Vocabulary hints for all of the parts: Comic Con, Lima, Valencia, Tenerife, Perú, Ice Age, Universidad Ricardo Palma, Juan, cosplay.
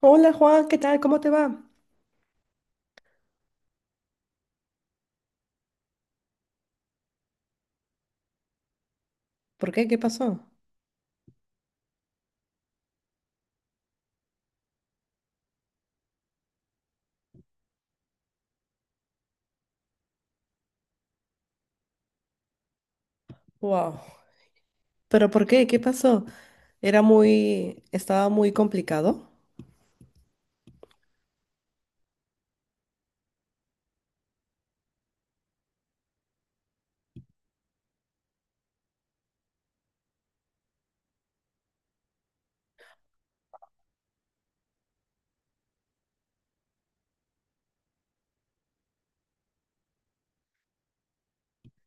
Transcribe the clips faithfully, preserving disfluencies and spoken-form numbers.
Hola Juan, ¿qué tal? ¿Cómo te va? ¿Por qué? ¿Qué pasó? Wow. ¿Pero por qué? ¿Qué pasó? Era muy, estaba muy complicado.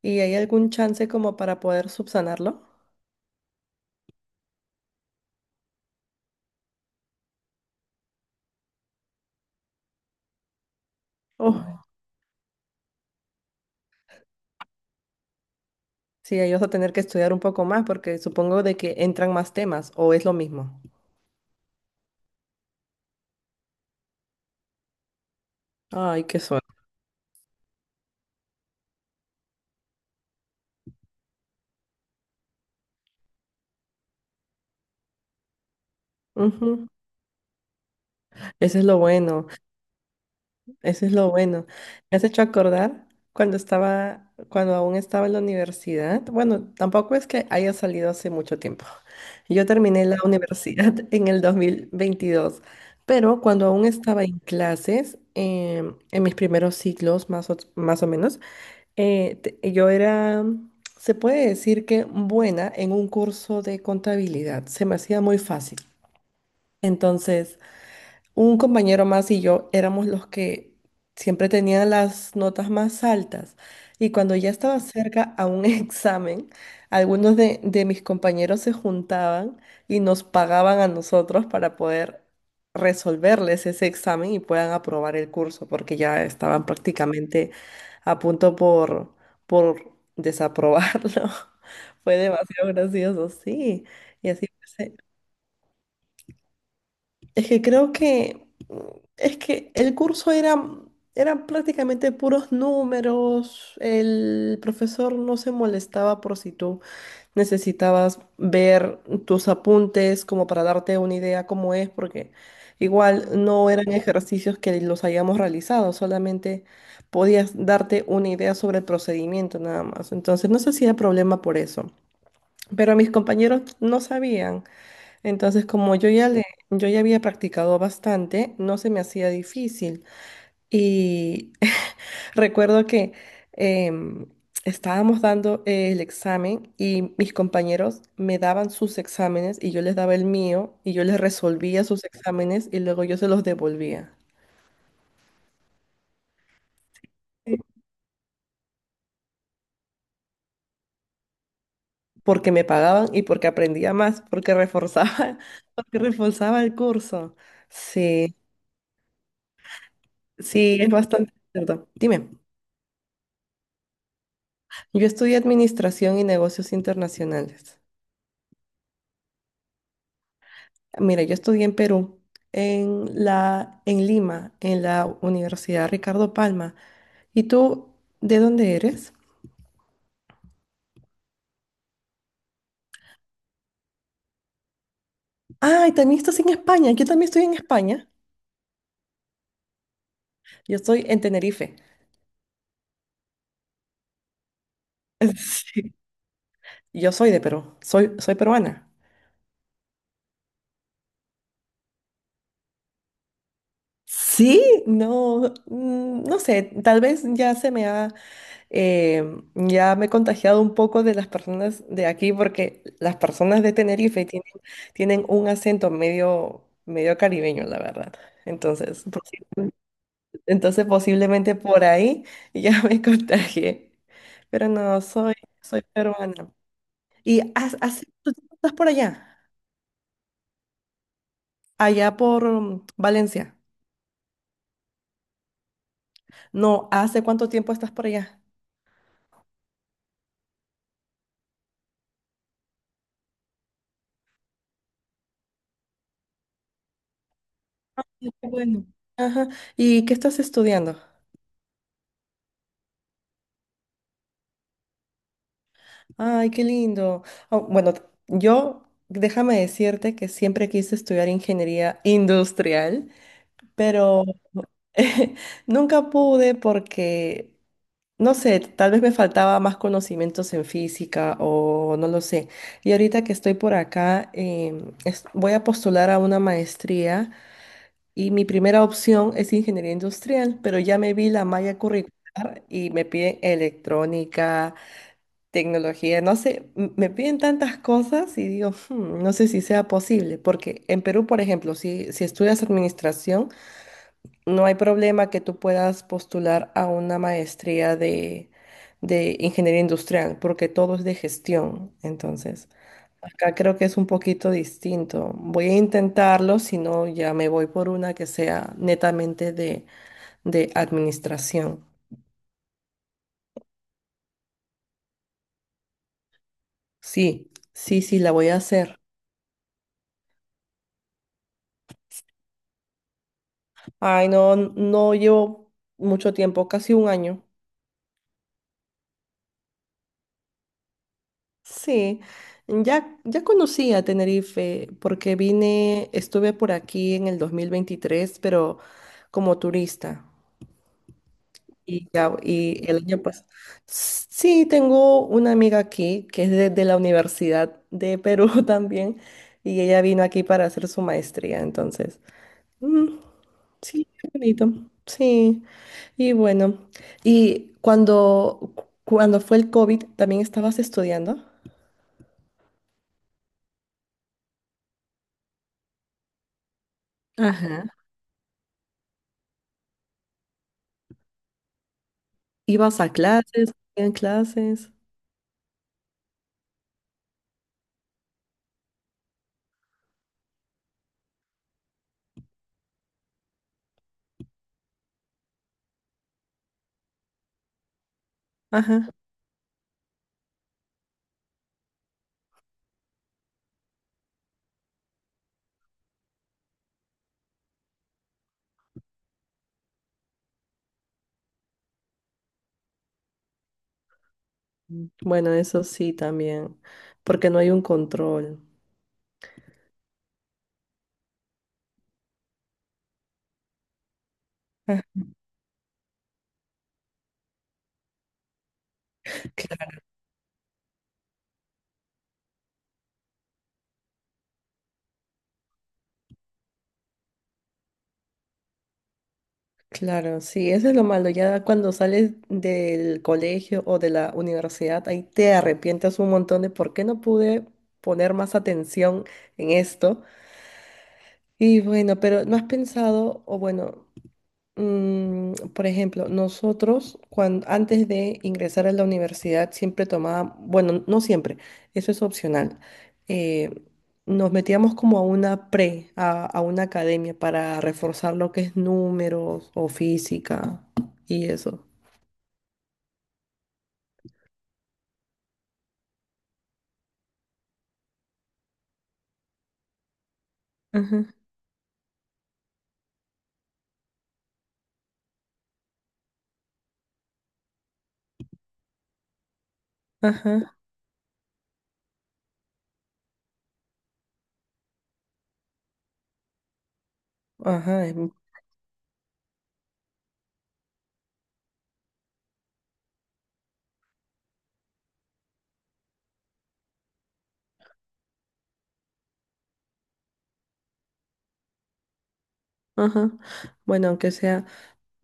¿Y hay algún chance como para poder subsanarlo? Oh, sí, ahí vas a tener que estudiar un poco más porque supongo de que entran más temas o es lo mismo. Ay, qué suerte. Ujú. Eso es lo bueno. Eso es lo bueno. Me has hecho acordar cuando estaba, cuando aún estaba en la universidad. Bueno, tampoco es que haya salido hace mucho tiempo. Yo terminé la universidad en el dos mil veintidós, pero cuando aún estaba en clases, em, en mis primeros ciclos, más o, más o menos, eh, te- yo era, se puede decir que buena en un curso de contabilidad. Se me hacía muy fácil. Entonces, un compañero más y yo éramos los que siempre tenían las notas más altas. Y cuando ya estaba cerca a un examen, algunos de, de mis compañeros se juntaban y nos pagaban a nosotros para poder resolverles ese examen y puedan aprobar el curso, porque ya estaban prácticamente a punto por, por desaprobarlo. Fue demasiado gracioso, sí. Y así fue. Es que creo que es que el curso era eran prácticamente puros números. El profesor no se molestaba por si tú necesitabas ver tus apuntes como para darte una idea cómo es, porque igual no eran ejercicios que los hayamos realizado, solamente podías darte una idea sobre el procedimiento nada más. Entonces no se hacía problema por eso. Pero mis compañeros no sabían. Entonces, como yo ya le, yo ya había practicado bastante, no se me hacía difícil. Y recuerdo que em, estábamos dando eh, el examen y mis compañeros me daban sus exámenes y yo les daba el mío y yo les resolvía sus exámenes y luego yo se los devolvía. Sí, porque me pagaban y porque aprendía más, porque reforzaba, porque reforzaba el curso. Sí, sí, es bastante cierto. Dime. Yo estudié Administración y Negocios Internacionales. Mira, yo estudié en Perú, en la, en Lima, en la Universidad Ricardo Palma. ¿Y tú de dónde eres? Ah, y también estás en España. Yo también estoy en España. Yo estoy en Tenerife. Sí. Yo soy de Perú. Soy, soy peruana. Sí, no, mm, no sé. Tal vez ya se me ha Eh, ya me he contagiado un poco de las personas de aquí porque las personas de Tenerife tienen, tienen un acento medio, medio caribeño, la verdad. Entonces, posi- entonces posiblemente por ahí ya me contagié. Pero no, soy, soy peruana. ¿Y has- hace cuánto tiempo estás por allá? Allá por mm, Valencia. No, ¿hace cuánto tiempo estás por allá? Qué bueno. Ajá. ¿Y qué estás estudiando? Ay, qué lindo. Ah, bueno, t- yo déjame decirte que siempre quise estudiar ingeniería industrial, pero nunca pude porque, no sé, tal vez me faltaba más conocimientos en física o no lo sé. Y ahorita que estoy por acá, em, es- voy a postular a una maestría y mi primera opción es ingeniería industrial, pero ya me vi la malla curricular y me piden electrónica, tecnología, no sé, m- me piden tantas cosas y digo, "Hmm, no sé si sea posible, porque en Perú, por ejemplo, si, si estudias administración, no hay problema que tú puedas postular a una maestría de, de ingeniería industrial, porque todo es de gestión. Entonces, acá creo que es un poquito distinto. Voy a intentarlo, si no, ya me voy por una que sea netamente de, de administración. Sí, sí, sí, la voy a hacer. Ay, no, no llevo mucho tiempo, casi un año. Sí, ya, ya conocí a Tenerife porque vine, estuve por aquí en el dos mil veintitrés pero como turista. Y, ya, y el año pasado. Sí, tengo una amiga aquí que es de, de la Universidad de Perú también, y ella vino aquí para hacer su maestría, entonces. Mm, sí, qué bonito. Sí. Y bueno, y cuando, cu- cuando fue el COVID, ¿también estabas estudiando? Ajá. ¿Ibas a clases? ¿En clases? Ajá. Bueno, eso sí también, porque no hay un control. Ah, claro, claro, sí, eso es lo malo. Ya cuando sales del colegio o de la universidad, ahí te arrepientes un montón de por qué no pude poner más atención en esto. Y bueno, pero ¿no has pensado, o bueno, Mm, por ejemplo, nosotros cuando, antes de ingresar a la universidad siempre tomábamos, bueno, no siempre, eso es opcional. eh, nos metíamos como a una pre, a, a una academia para reforzar lo que es números o física y eso. Ajá, ajá, ajá, em, ajá. Bueno, aunque sea,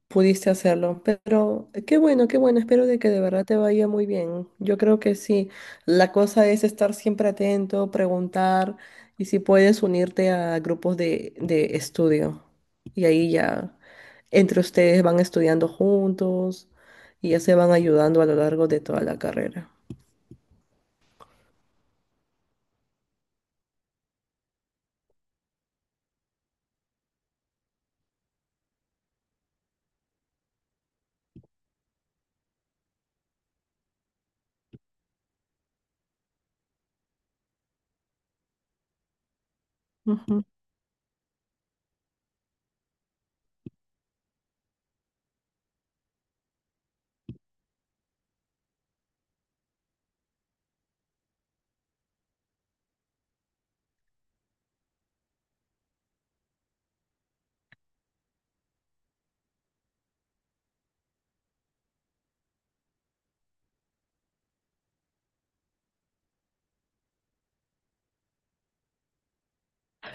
pudiste hacerlo. Pero eh, qué bueno, qué bueno. Espero de que de verdad te vaya muy bien. Yo creo que sí. La cosa es estar siempre atento, preguntar y si puedes unirte a grupos de, de estudio. Y ahí ya entre ustedes van estudiando juntos y ya se van ayudando a lo largo de toda la carrera. Ujú.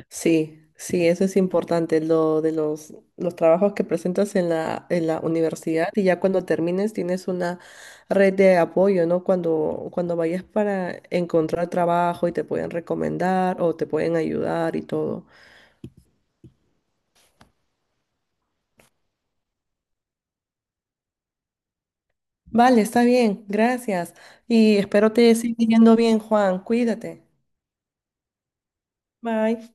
Sí, sí, eso es importante, lo de los, los trabajos que presentas en la, en la universidad y ya cuando termines tienes una red de apoyo, ¿no? Cuando, cuando vayas para encontrar trabajo y te pueden recomendar o te pueden ayudar y todo. Vale, está bien, gracias. Y espero te siga yendo bien, Juan. Cuídate. Bye.